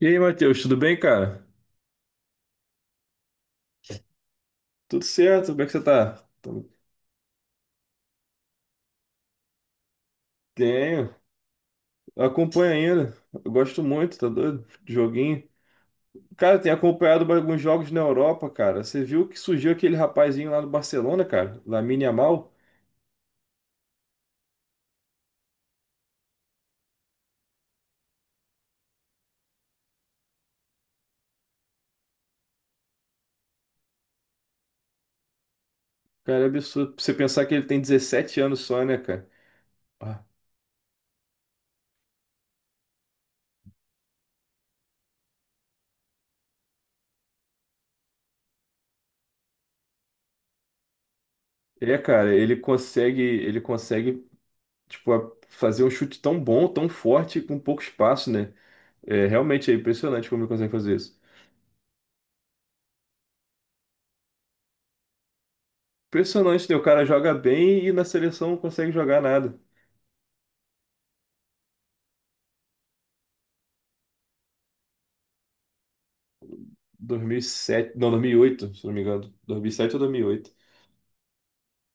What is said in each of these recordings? E aí, Matheus, tudo bem, cara? Tudo certo, como é que você tá? Tenho, acompanho ainda. Eu gosto muito, tá doido? De joguinho. Cara, tenho acompanhado alguns jogos na Europa, cara. Você viu que surgiu aquele rapazinho lá do Barcelona, cara? Lamine Yamal? Cara, é absurdo. Pra você pensar que ele tem 17 anos só, né, cara? Ah. É, cara, ele consegue, tipo, fazer um chute tão bom, tão forte, com pouco espaço, né? É, realmente é impressionante como ele consegue fazer isso. Impressionante, né? O cara joga bem e na seleção não consegue jogar nada. 2007, não, 2008, se não me engano. 2007 ou 2008.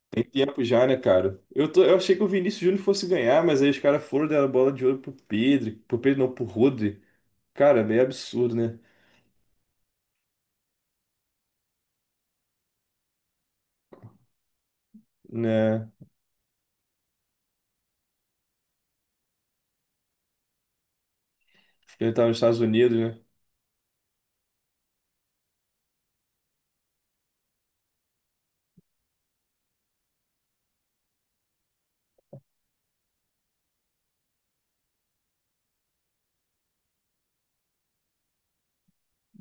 Tem tempo já, né, cara? Eu achei que o Vinícius Júnior fosse ganhar, mas aí os caras foram dar a bola de ouro pro Pedro não, pro Rodri. Cara, é meio absurdo, né? Né? Ele tava nos Estados Unidos, né?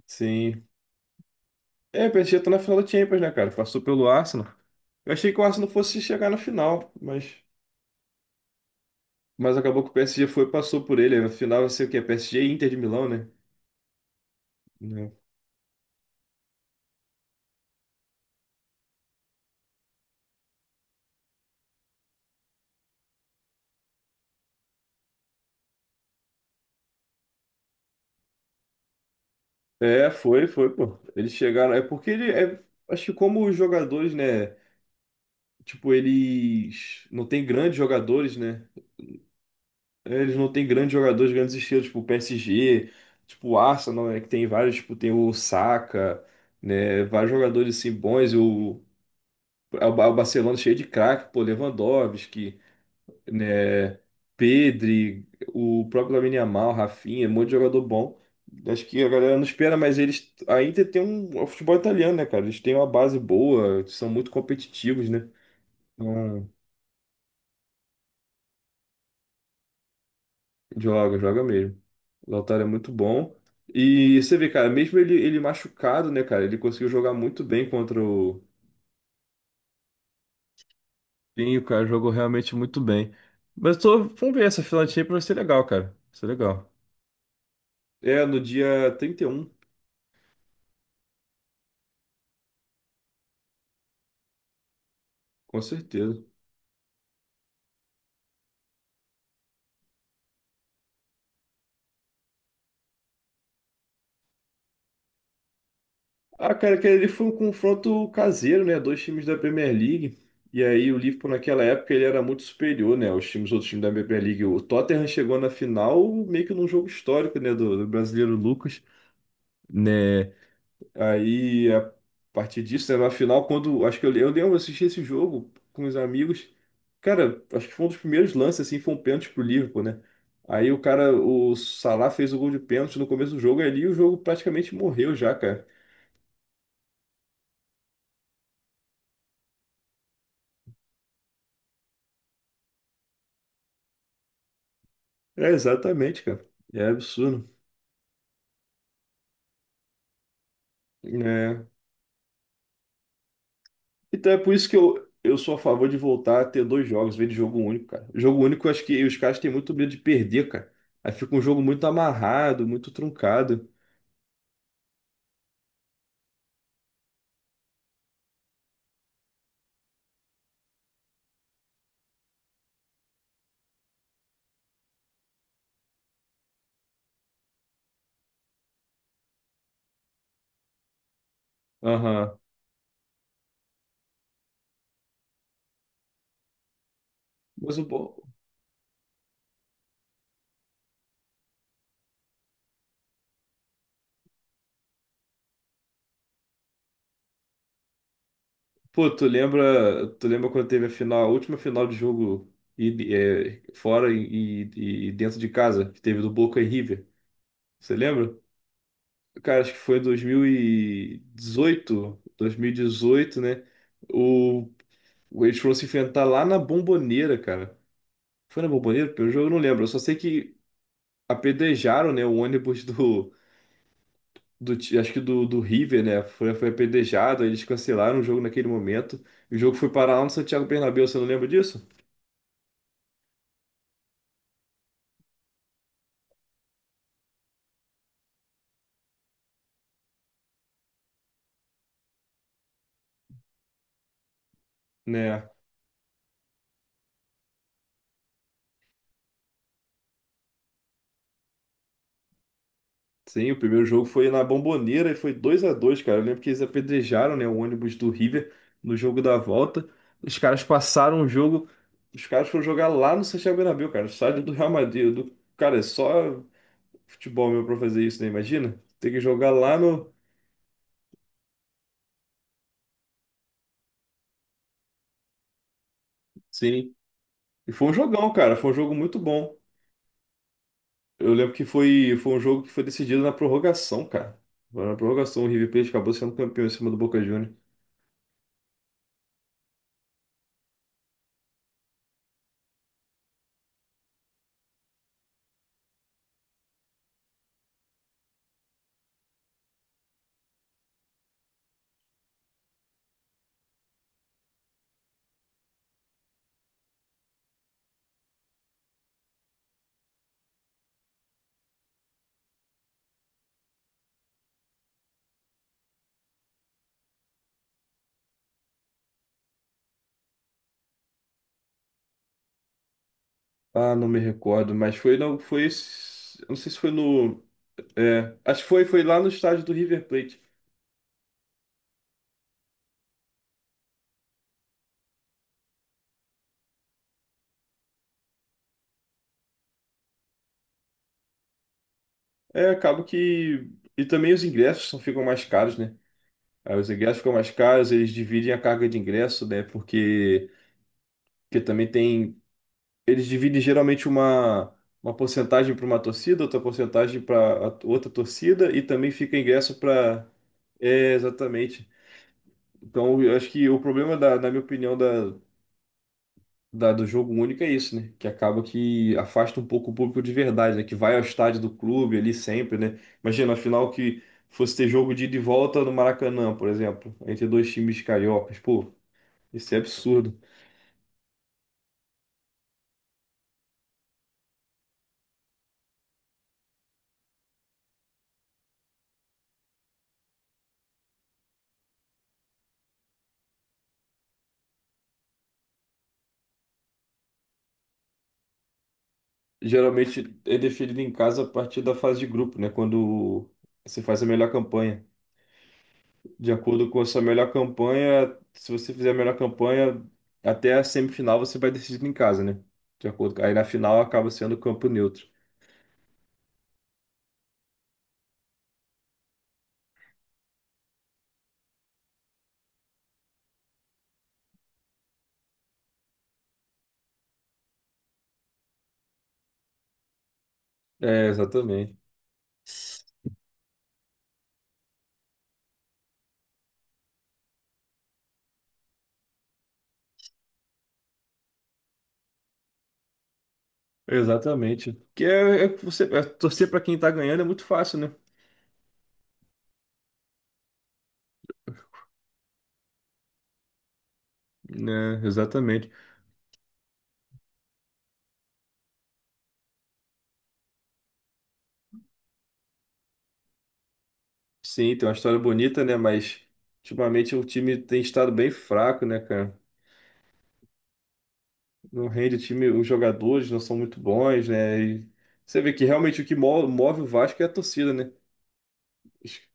Sim. É, o PSG tá na final da Champions, né, cara? Passou pelo Arsenal. Eu achei que o Arsenal fosse chegar na final, mas acabou que o PSG foi e passou por ele. Na final vai ser o quê? PSG e Inter de Milão, né? Né? É, foi, pô. Eles chegaram. É porque ele é. Acho que como os jogadores, né? Tipo, eles não têm grandes jogadores, né? Eles não têm grandes jogadores, grandes estrelas, tipo o PSG, tipo o Arsenal, né? Que tem vários, tipo, tem o Saka, né? Vários jogadores assim bons, é o Barcelona cheio de craque, pô, Lewandowski. Né? Pedri, o próprio Lamine Yamal, Rafinha, um monte de jogador bom. Acho que a galera não espera, mas eles ainda tem o futebol italiano, né, cara? Eles têm uma base boa, são muito competitivos, né? Então, joga, joga mesmo. O Lautaro é muito bom. E você vê, cara, mesmo ele machucado, né, cara? Ele conseguiu jogar muito bem contra o. Sim, o cara jogou realmente muito bem. Mas vamos ver essa filantinha pra ser legal, cara. Vai ser legal. É, no dia 31. Com certeza. Ah, cara, que ele foi um confronto caseiro, né? Dois times da Premier League. E aí o Liverpool naquela época ele era muito superior, né? Os times, outros times da Premier League. O Tottenham chegou na final meio que num jogo histórico, né? Do brasileiro Lucas, né? Aí a partir disso, né? Na final, quando acho que eu lembro, eu assisti esse jogo com os amigos. Cara, acho que foi um dos primeiros lances, assim, foi um pênalti pro Liverpool, né? Aí o cara, o Salah fez o gol de pênalti no começo do jogo ali, o jogo praticamente morreu já, cara. É exatamente, cara. É absurdo. É. Então é por isso que eu sou a favor de voltar a ter dois jogos, em vez de jogo único, cara. Jogo único, eu acho que os caras têm muito medo de perder, cara. Aí fica um jogo muito amarrado, muito truncado. Aham. Mas o bom. Pô, tu lembra quando teve a final, a última final de jogo fora e dentro de casa, que teve do Boca e River? Você lembra? Cara, acho que foi em dois mil e dezoito, né? O Eles foram se enfrentar lá na Bomboneira, cara. Foi na Bomboneira? Pelo jogo eu não lembro. Eu só sei que apedrejaram, né, o ônibus acho que do River, né? Foi apedrejado, aí eles cancelaram o jogo naquele momento. O jogo foi parar lá no Santiago Bernabéu, você não lembra disso? Né. Sim, o primeiro jogo foi na Bomboneira e foi 2-2, cara. Eu lembro que eles apedrejaram, né, o ônibus do River no jogo da volta. Os caras passaram o jogo, os caras foram jogar lá no Santiago Bernabéu, cara, o estádio do Real Madrid. Cara, é só futebol, meu, pra fazer isso, né? Imagina? Tem que jogar lá no. Sim. E foi um jogão, cara. Foi um jogo muito bom. Eu lembro que foi um jogo que foi decidido na prorrogação, cara. Foi na prorrogação, o River Plate acabou sendo campeão em cima do Boca Juniors. Ah, não me recordo, mas foi não foi eu não sei se foi no acho que foi lá no estádio do River Plate. É, acaba que e também os ingressos ficam mais caros, né? Aí os ingressos ficam mais caros, eles dividem a carga de ingresso, né? Porque também tem eles dividem geralmente uma, porcentagem para uma torcida, outra porcentagem para outra torcida e também fica ingresso para. É, exatamente. Então, eu acho que o problema, na minha opinião, do jogo único é isso, né? Que acaba que afasta um pouco o público de verdade, né? Que vai ao estádio do clube ali sempre, né? Imagina, afinal, que fosse ter jogo de ida e volta no Maracanã, por exemplo, entre dois times cariocas. Pô, isso é absurdo. Geralmente é definido em casa a partir da fase de grupo, né? Quando você faz a melhor campanha. De acordo com a sua melhor campanha, se você fizer a melhor campanha até a semifinal, você vai decidir em casa, né? De acordo com. Aí na final acaba sendo campo neutro. É, exatamente. Exatamente. Que é que você é torcer para quem tá ganhando é muito fácil, né? Né, exatamente. Sim, tem uma história bonita, né? Mas ultimamente o time tem estado bem fraco, né, cara? Não rende o time, os jogadores não são muito bons, né? E você vê que realmente o que move o Vasco é a torcida, né? Es-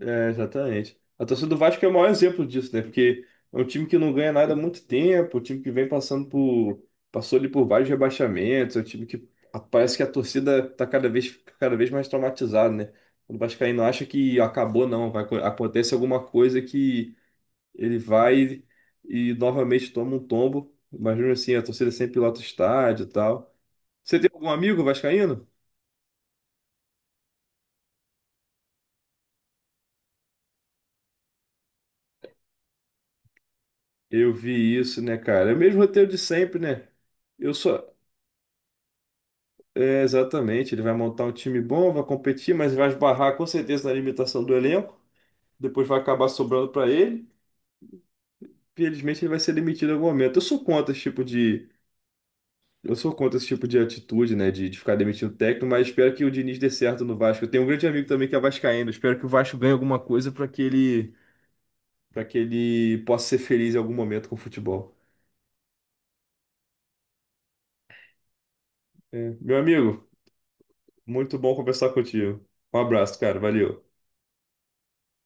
É, exatamente. A torcida do Vasco é o maior exemplo disso, né? Porque é um time que não ganha nada há muito tempo, um time que vem passando por, passou ali por vários rebaixamentos, é um time que parece que a torcida tá cada vez mais traumatizada, né? O vascaíno acha que acabou, não, vai, acontece alguma coisa. Ele vai e novamente toma um tombo. Imagina assim, a torcida sempre lota o estádio e tal. Você tem algum amigo vascaíno? Eu vi isso, né, cara? É o mesmo roteiro de sempre, né? Eu só. É, exatamente. Ele vai montar um time bom, vai competir, mas vai esbarrar com certeza na limitação do elenco. Depois vai acabar sobrando para ele. Infelizmente, ele vai ser demitido em algum momento. Eu sou contra esse tipo de atitude, né? De ficar demitindo o técnico, mas espero que o Diniz dê certo no Vasco. Eu tenho um grande amigo também que é vascaíno. Espero que o Vasco ganhe alguma coisa para que ele, possa ser feliz em algum momento com o futebol. É. Meu amigo, muito bom conversar contigo. Um abraço, cara. Valeu.